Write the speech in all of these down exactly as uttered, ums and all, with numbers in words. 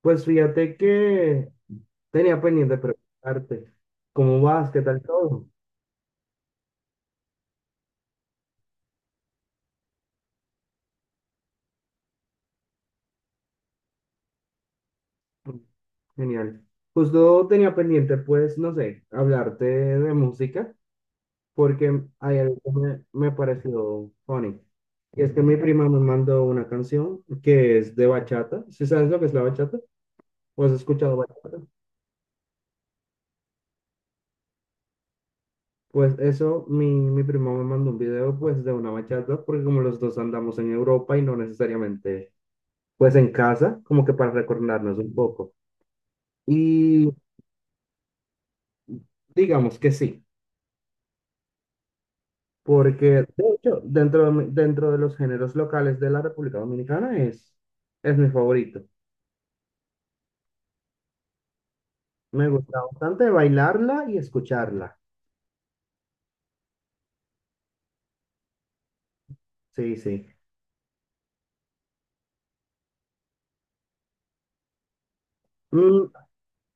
Pues fíjate que tenía pendiente preguntarte, ¿cómo vas? ¿Qué tal todo? Mm, Genial. Justo tenía pendiente, pues, no sé, hablarte de música, porque hay algo que me, me pareció funny. Y es que mi prima me mandó una canción que es de bachata. ¿Sí sabes lo que es la bachata? ¿O has escuchado bachata? Pues eso, mi, mi prima me mandó un video, pues, de una bachata, porque como los dos andamos en Europa y no necesariamente, pues, en casa, como que para recordarnos un poco. Y digamos que sí, porque de hecho, dentro de, mi- dentro de los géneros locales de la República Dominicana es, es mi favorito. Me gusta bastante bailarla y escucharla. Sí, sí. Mm,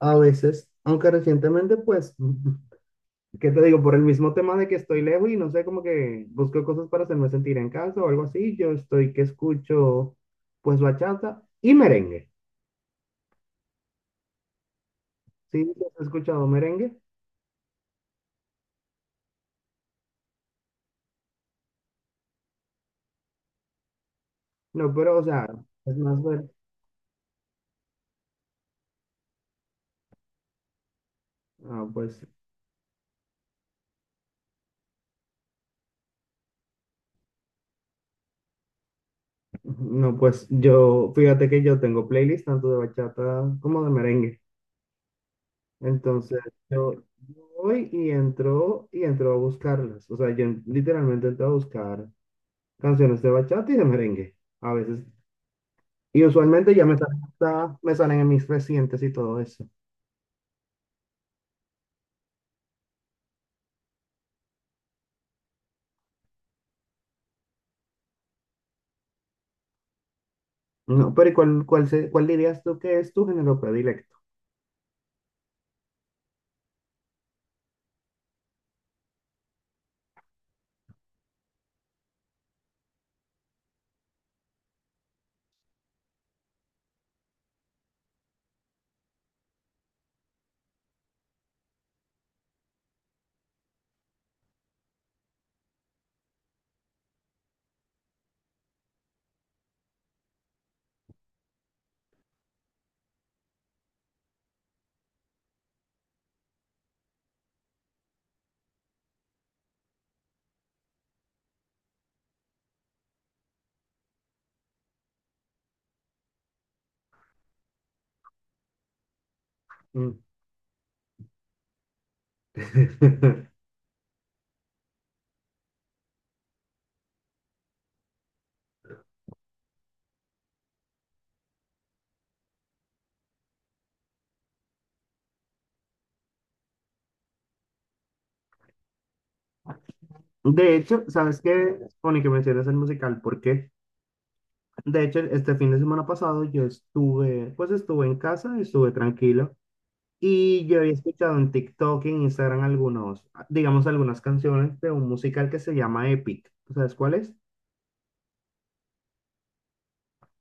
a veces, aunque recientemente, pues, ¿qué te digo? Por el mismo tema de que estoy lejos y no sé, como que busco cosas para hacerme sentir en casa o algo así, yo estoy que escucho, pues, bachata y merengue. Sí, ¿has escuchado merengue? No, pero, o sea, es más ver. Ah, pues. No, pues yo, fíjate que yo tengo playlist tanto de bachata como de merengue. Entonces, yo voy y entro y entro a buscarlas. O sea, yo literalmente entro a buscar canciones de bachata y de merengue. A veces. Y usualmente ya me salen, hasta- me salen en mis recientes y todo eso. No, pero ¿y cuál, cuál, se- cuál dirías tú que es tu género predilecto? Mm. De hecho, ¿sabes qué? Pone que mencionas el musical, ¿por qué? De hecho, este fin de semana pasado yo estuve, pues estuve en casa, estuve tranquilo y yo había escuchado en TikTok y en Instagram algunos, digamos, algunas canciones de un musical que se llama Epic. ¿Tú sabes cuál es?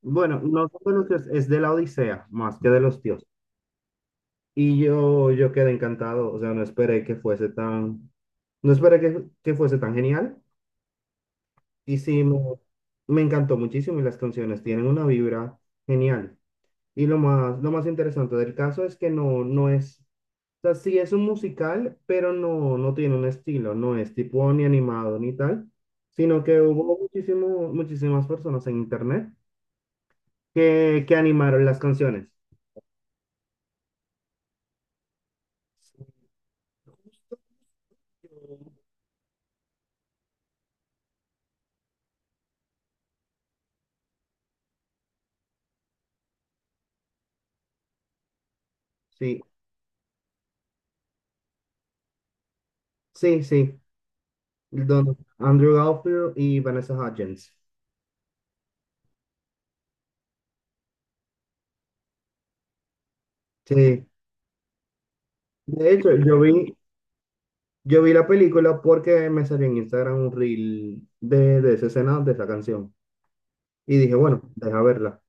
Bueno, no son de los dioses, es de la Odisea más que de los dioses. Y yo, yo quedé encantado, o sea, no esperé que fuese tan, no esperé que, que fuese tan genial y sí, me, me encantó muchísimo y las canciones tienen una vibra genial. Y lo más, lo más interesante del caso es que no, no es, o sea, sí es un musical, pero no, no tiene un estilo, no es tipo ni animado ni tal, sino que hubo muchísimo, muchísimas personas en internet que, que animaron las canciones. Justo. Sí, sí, sí, Don Andrew Garfield y Vanessa Hudgens. Sí, de hecho, yo vi, yo vi la película porque me salió en Instagram un reel de, de esa escena, de esa canción. Y dije, bueno, deja verla.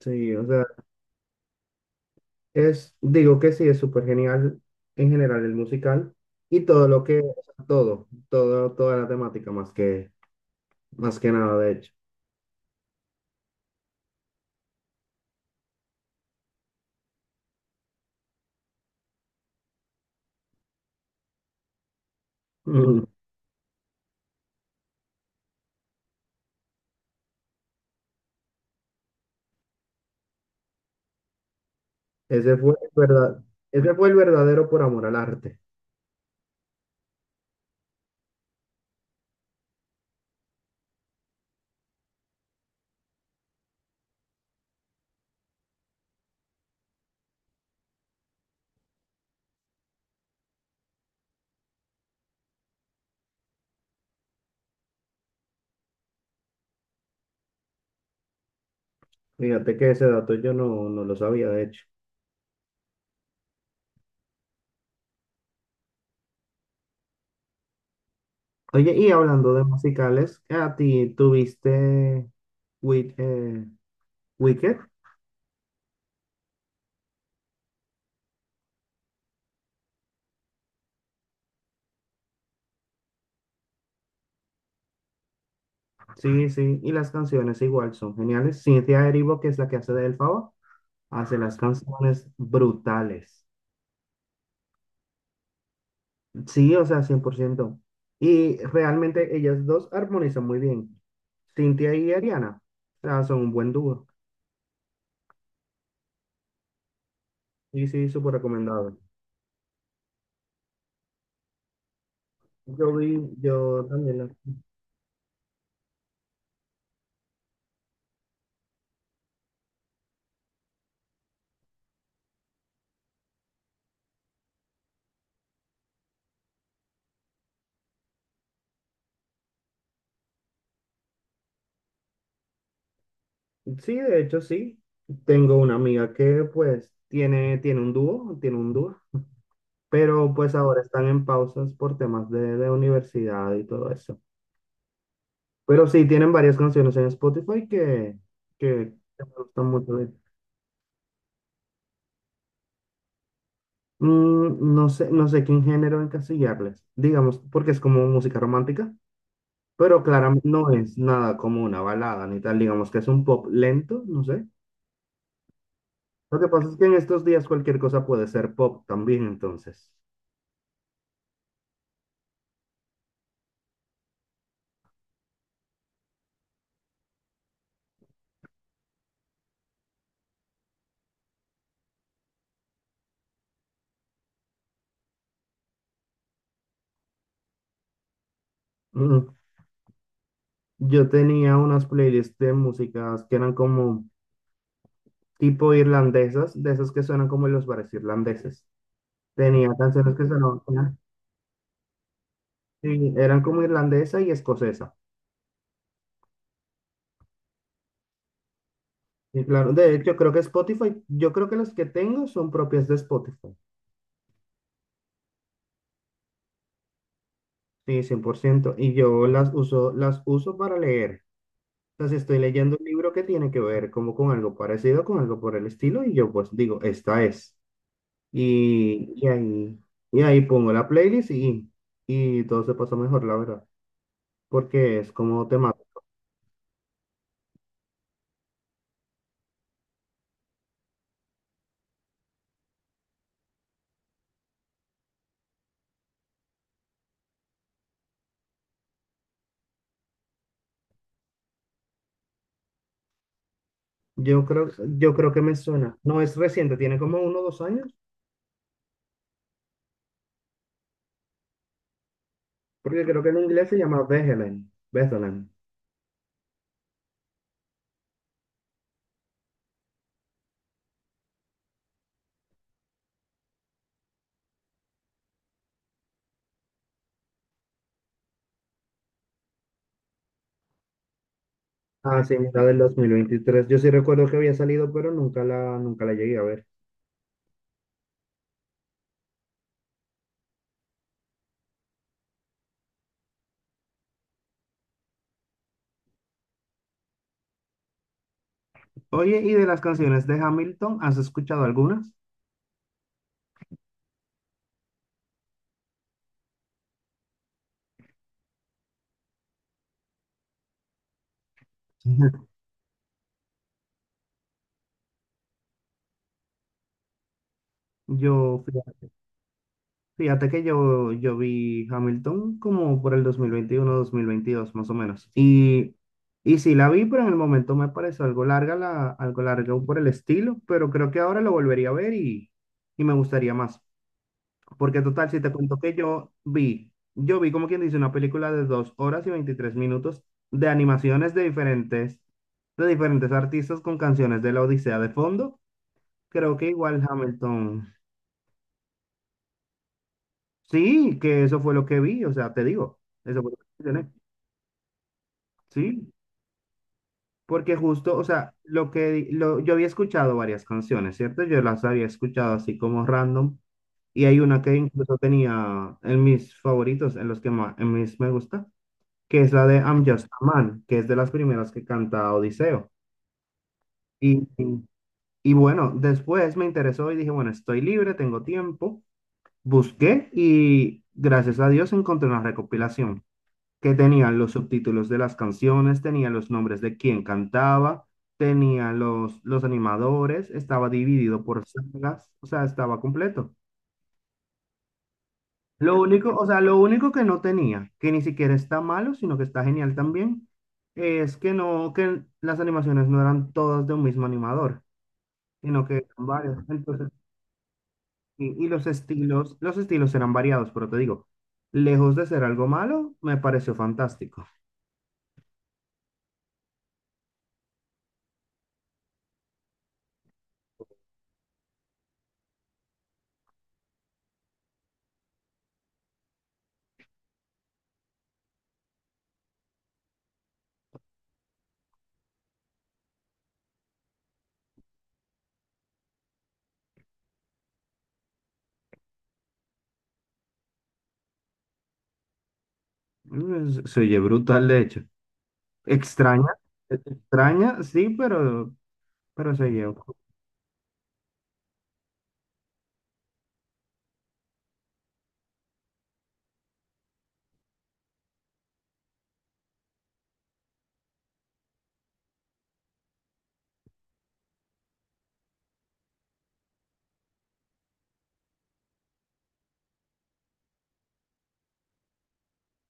Sí, o sea, es, digo que sí, es súper genial en general el musical y todo lo que, o sea, todo, todo, toda la temática más que, más que nada, de hecho. Ujú. Ese fue el verdad, Ese fue el verdadero por amor al arte. Fíjate que ese dato yo no, no lo sabía, de hecho. Oye, y hablando de musicales, ¿a ti tuviste Wi- eh, Wicked? Sí, sí, y las canciones igual son geniales. Cynthia Erivo, que es la que hace de Elphaba, hace las canciones brutales. Sí, o sea, cien por ciento. Y realmente ellas dos armonizan muy bien. Cintia y Ariana, o sea, son un buen dúo. Y sí, súper recomendado. Yo vi, yo también. la- Sí, de hecho, sí. Tengo una amiga que pues tiene, tiene un dúo, tiene un dúo, pero pues ahora están en pausas por temas de, de universidad y todo eso. Pero sí, tienen varias canciones en Spotify que, que que me gustan mucho. Mm, no sé, no sé qué género encasillarles, digamos, porque es como música romántica, pero claramente no es nada como una balada ni tal, digamos que es un pop lento, no sé. Lo que pasa es que en estos días cualquier cosa puede ser pop también, entonces. Mm, Yo tenía unas playlists de músicas que eran como tipo irlandesas, de esas que suenan como en los bares irlandeses. Tenía canciones que sonaban, sí, eran como irlandesa y escocesa. Sí, claro. De hecho, creo que Spotify, yo creo que las que tengo son propias de Spotify. Sí, cien por ciento. Y yo las uso, las uso, para leer. Entonces, estoy leyendo un libro que tiene que ver como con algo parecido, con algo por el estilo, y yo pues digo, esta es. Y, y ahí, y ahí pongo la playlist y, y todo se pasa mejor, la verdad, porque es como tema. Yo creo, yo creo que me suena. No es reciente, tiene como uno o dos años, porque creo que en inglés se llama Bethlehem. Bethlehem. Ah, sí, la del dos mil veintitrés. Yo sí recuerdo que había salido, pero nunca la, nunca la llegué a ver. Oye, ¿y de las canciones de Hamilton, has escuchado algunas? Yo, fíjate, fíjate que yo, yo vi Hamilton como por el dos dos mil veintiuno dos mil veintidós más o menos. Y, y sí la vi, pero en el momento me pareció algo larga, la, algo larga por el estilo, pero creo que ahora lo volvería a ver y, y me gustaría más. Porque total, si te cuento que yo vi, yo vi como quien dice una película de dos horas y veintitrés minutos de animaciones de diferentes, de diferentes artistas con canciones de la Odisea de fondo. Creo que igual Hamilton. Sí, que eso fue lo que vi, o sea, te digo, eso fue lo que mencioné. Sí, porque justo, o sea, lo que di- lo, yo había escuchado varias canciones, ¿cierto? Yo las había escuchado así como random y hay una que incluso tenía en mis favoritos, en los que más, en mis me gusta, que es la de I'm Just a Man, que es de las primeras que canta Odiseo. Y, y- y bueno, después me interesó y dije, bueno, estoy libre, tengo tiempo. Busqué y gracias a Dios encontré una recopilación que tenía los subtítulos de las canciones, tenía los nombres de quien cantaba, tenía los, los animadores, estaba dividido por sagas, o sea, estaba completo. Lo único, o sea, lo único que no tenía, que ni siquiera está malo, sino que está genial también, es que no, que las animaciones no eran todas de un mismo animador, sino que eran varios. Entonces, y, y los estilos, los estilos eran variados, pero te digo, lejos de ser algo malo, me pareció fantástico. Mm, Se se oye brutal, de hecho. Extraña, extraña, sí, pero, pero, se oye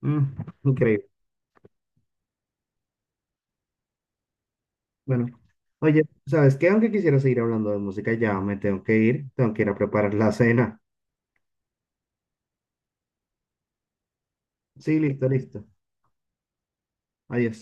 mm, increíble. Bueno, oye, ¿sabes qué? Aunque quisiera seguir hablando de música, ya me tengo que ir, tengo que ir a preparar la cena. Sí, listo, listo. Adiós.